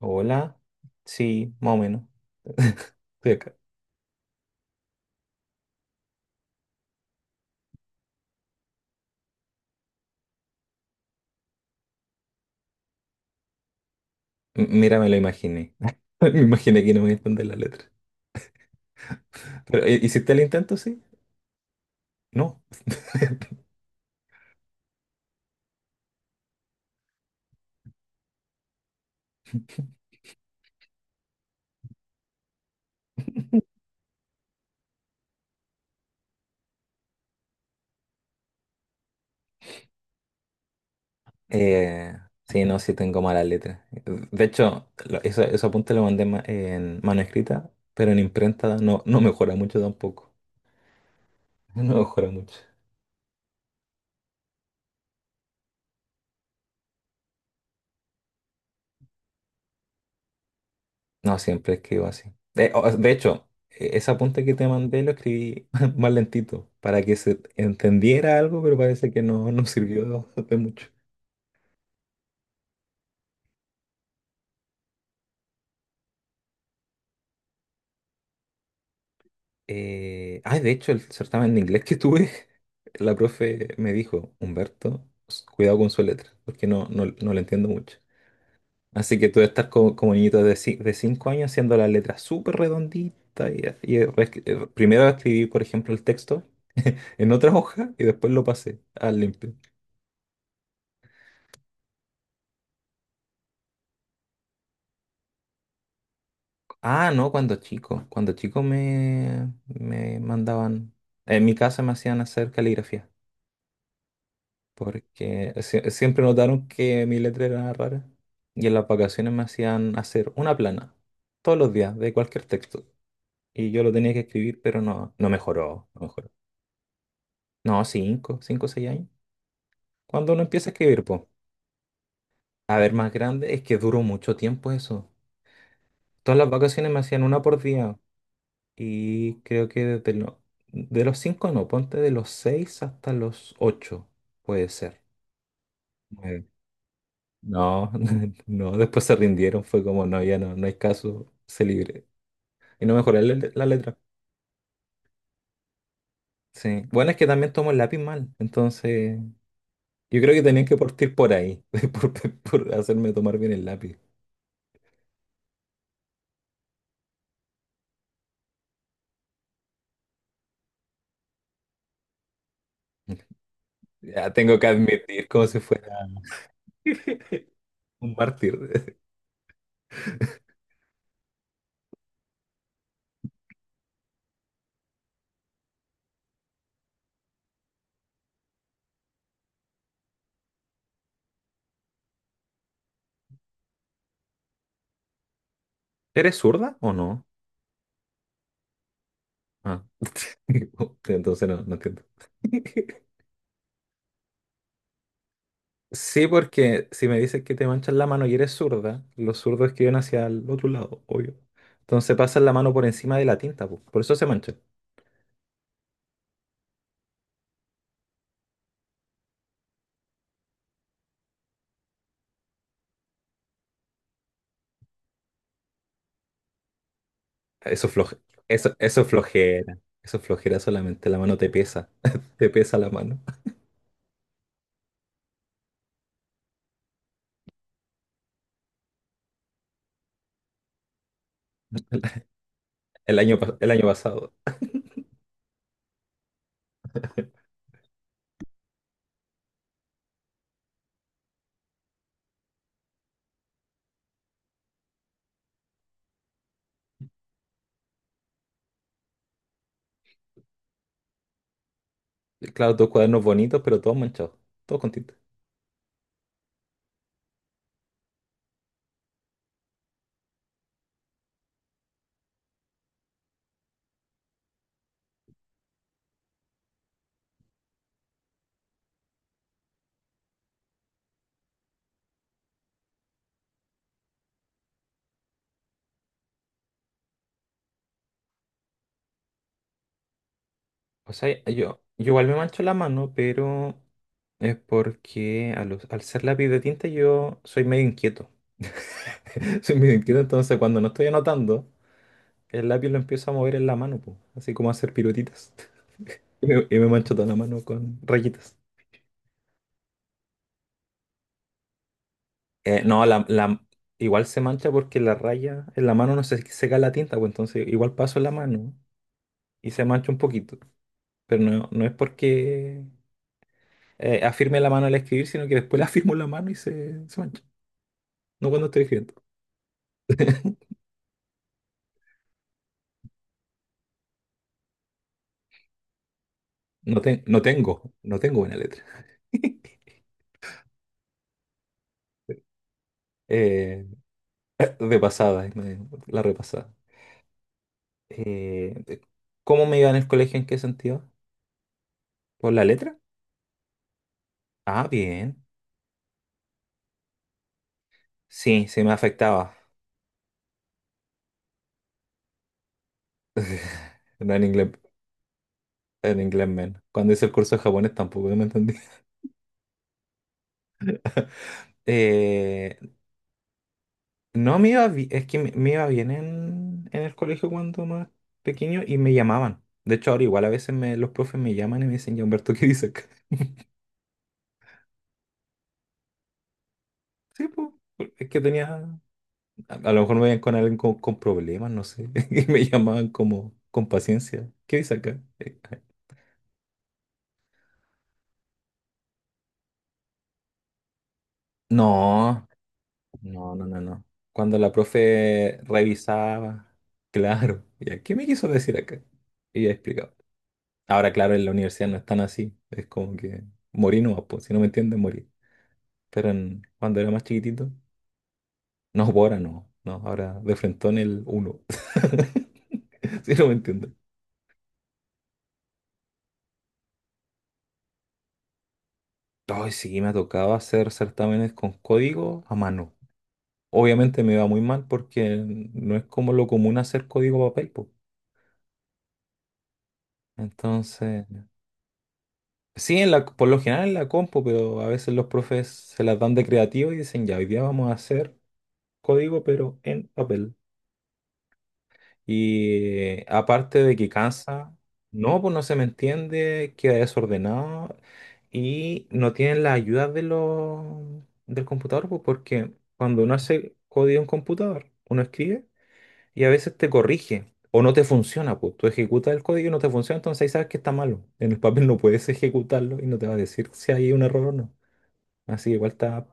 Hola. Sí, más o menos. Estoy acá. Mira, me lo imaginé. Me imaginé que no me entender la letra. Pero, ¿hiciste el intento, sí? No. Eh, sí, no, sí tengo malas letras. De hecho, lo- eso apunte lo mandé en mano escrita, pero en imprenta no, no mejora mucho tampoco. No mejora mucho. No, siempre escribo así. De hecho, ese apunte que te mandé lo escribí más lentito, para que se entendiera algo, pero parece que no, no sirvió de mucho. De hecho, el certamen de inglés que tuve, la profe me dijo, Humberto, cuidado con su letra, porque no la entiendo mucho. Así que tú debes estar como, como niñito de 5 años haciendo la letra súper redondita. Primero escribí, por ejemplo, el texto en otra hoja y después lo pasé al limpio. Ah, no, cuando chico. Cuando chico me mandaban, en mi casa me hacían hacer caligrafía, porque siempre notaron que mi letra era rara y en las vacaciones me hacían hacer una plana todos los días de cualquier texto y yo lo tenía que escribir, pero no, no mejoró, no mejoró. No, cinco, cinco o 6 años. Cuando uno empieza a escribir, pues, a ver, más grande, es que duró mucho tiempo eso. Todas las vacaciones me hacían una por día y creo que desde de los cinco, no, ponte de los seis hasta los ocho, puede ser. No, no, después se rindieron, fue como, no, ya no, no hay caso, se libre. Y no mejorar la, la letra. Sí. Bueno, es que también tomo el lápiz mal, entonces yo creo que tenían que partir por ahí, por, por hacerme tomar bien el lápiz. Ya tengo que admitir como si fuera un mártir. ¿Eres zurda o no? Ah. Entonces no, no entiendo. Sí, porque si me dices que te manchas la mano y eres zurda, los zurdos escriben hacia el otro lado, obvio. Entonces pasan la mano por encima de la tinta, po. Por eso se mancha. Eso, floje- eso es flojera. Eso es flojera solamente. La mano te pesa. Te pesa la mano. El año pasado. Claro, todos cuadernos bonitos, pero todos manchados. Todos con tinta. O sea, yo igual me mancho la mano, pero es porque al ser lápiz de tinta yo soy medio inquieto. Soy medio inquieto, entonces cuando no estoy anotando, el lápiz lo empiezo a mover en la mano, po, así como a hacer piruetitas. Y me mancho toda la mano con rayitas. No, la, la- Igual se mancha porque la raya en la mano no se seca la tinta, pues entonces igual paso la mano y se mancha un poquito. Pero no, no es porque afirme la mano al escribir, sino que después la afirmo la mano y se mancha. No cuando estoy escribiendo. No, no tengo buena letra. Eh, de pasada, la repasada. Eh, eh, ¿Cómo me iba en el colegio? ¿En qué sentido? ¿Por la letra? Ah, bien. Sí, sí me afectaba. No, en inglés. En inglés menos. Cuando hice el curso de japonés tampoco no me entendí. Eh, no me iba es que me iba bien en el colegio cuando más pequeño y me llamaban. De hecho, ahora igual a veces los profes me llaman y me dicen, ya Humberto, ¿qué dices acá? Sí, pues, es que tenía, a lo mejor me veían con alguien con problemas, no sé, y me llamaban como con paciencia, ¿qué dices acá? No, no, no, no, no. Cuando la profe revisaba, claro, ¿y qué me quiso decir acá? Y ya explicaba. Ahora, claro, en la universidad no están así. Es como que morí nomás, pues, si no me entiendes, morí. Cuando era más chiquitito, no, pues ahora no. No, ahora de frentón el uno. Si no me entiendes. Ay, sí, me tocaba hacer certámenes con código a mano. Obviamente me va muy mal porque no es como lo común hacer código a papel, po. Entonces, sí, en la, por lo general en la compu, pero a veces los profes se las dan de creativo y dicen, ya, hoy día vamos a hacer código, pero en papel. Y aparte de que cansa, no, pues no se me entiende, queda desordenado y no tienen la ayuda de lo del computador, pues porque cuando uno hace código en computador, uno escribe y a veces te corrige o no te funciona, pues tú ejecutas el código y no te funciona, entonces ahí sabes que está malo. En el papel no puedes ejecutarlo y no te va a decir si hay un error o no. Así que igual está,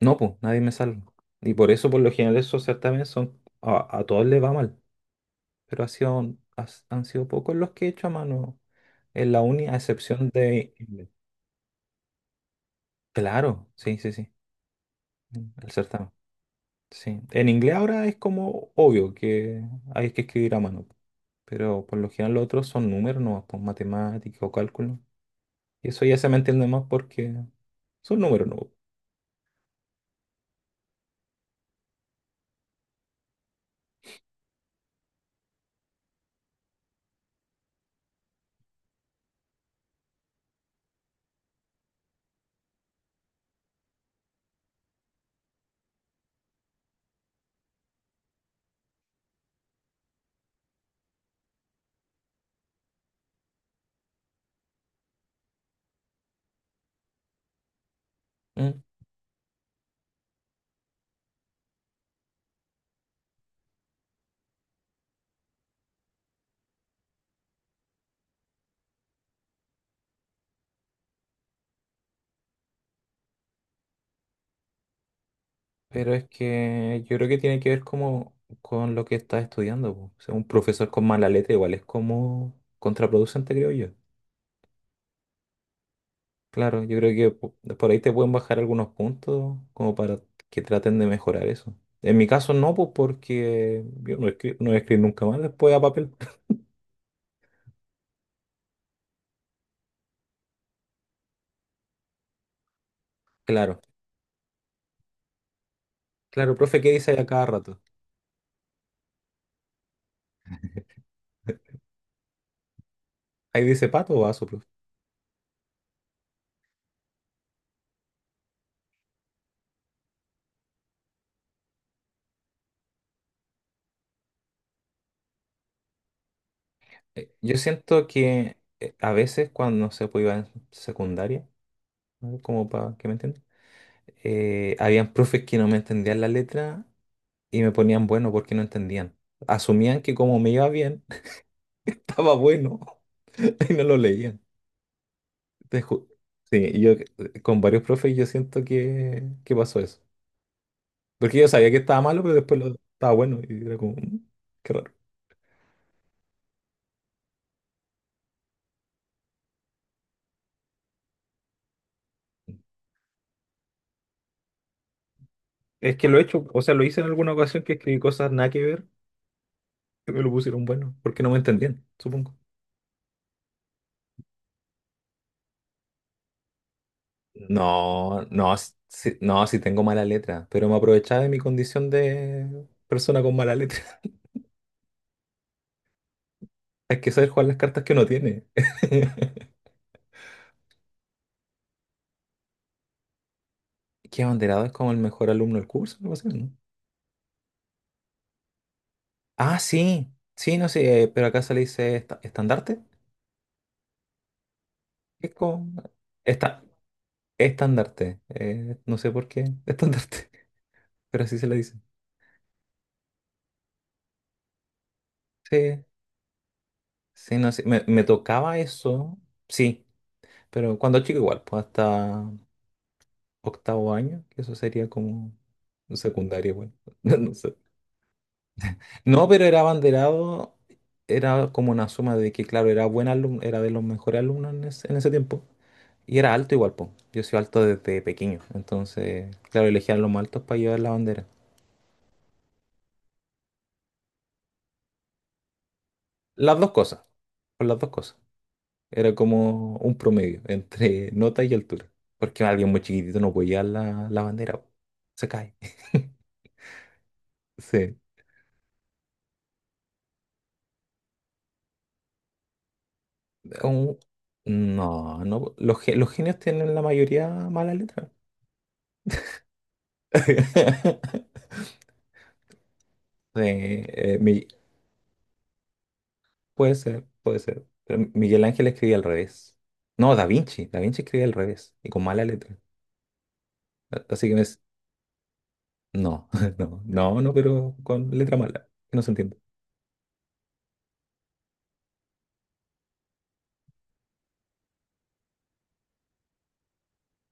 no, pues nadie me salva. Y por eso, por lo general, esos certámenes son, a todos les va mal. Pero ha sido, han sido pocos los que he hecho a mano en la uni, a excepción de inglés. Claro, sí, sí, sí, el certamen. Sí. En inglés ahora es como obvio que hay que escribir a mano, pero por lo general los otros son números, no, pues matemática o cálculo. Y eso ya se me entiende más porque son números, no. Mm. Pero es que yo creo que tiene que ver como con lo que estás estudiando, po. O sea, un profesor con mala letra igual es como contraproducente, creo yo. Claro, yo creo que por ahí te pueden bajar algunos puntos como para que traten de mejorar eso. En mi caso no, pues porque yo no, no voy a escribir nunca más después a papel. Claro, claro, profe, ¿qué dice ahí a cada rato? Ahí dice pato o vaso, profe. Yo siento que a veces cuando, no sé, pues iba en secundaria, ¿no?, como para que me entiendan, habían profes que no me entendían la letra y me ponían bueno porque no entendían. Asumían que como me iba bien, estaba bueno y no lo leían. Te ju- Sí, y yo con varios profes yo siento que, pasó eso. Porque yo sabía que estaba malo, pero después lo, estaba bueno y era como, "Mm, qué raro." Es que lo he hecho, o sea, lo hice en alguna ocasión que escribí cosas nada que ver, que me lo pusieron bueno, porque no me entendían, supongo. No, no, sí, no, sí tengo mala letra, pero me aprovechaba de mi condición de persona con mala letra. Hay que saber jugar las cartas que uno tiene. ¿Que abanderado es como el mejor alumno del curso, algo así, no? Ah, sí, sí, no sé, pero acá se le dice estandarte. Es como... esta, estandarte, no sé por qué. Estandarte. Pero así se le dice. Sí, sí, no sé. Me tocaba eso. Sí, pero cuando chico igual, pues hasta 8.º año, que eso sería como secundaria igual. No sé. No, pero era abanderado, era como una suma de que, claro, era buen alumno, era de los mejores alumnos en ese tiempo. Y era alto igual, po. Yo soy alto desde pequeño. Entonces, claro, elegían los más altos para llevar la bandera. Las dos cosas, por las dos cosas. Era como un promedio entre nota y altura. Porque alguien muy chiquitito no puede llevar la, la bandera, po. Se cae. Sí. Un- No, no. Los, los genios tienen la mayoría mala letra. Sí, puede ser, puede ser. Pero Miguel Ángel escribía al revés. No, Da Vinci. Da Vinci escribía al revés y con mala letra. Así que me... no, no, no, no, pero con letra mala, que no se entiende.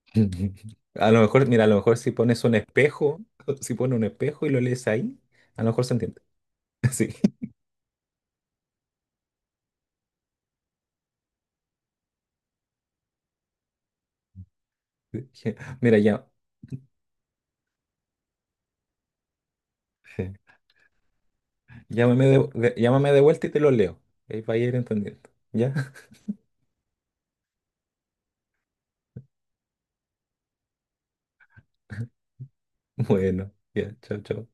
A lo mejor, mira, a lo mejor si pones un espejo, si pones un espejo y lo lees ahí, a lo mejor se entiende. Sí. Mira, ya, llámame de vuelta y te lo leo. Ahí va a ir entendiendo, ¿ya? Bueno, ya, chao, chao.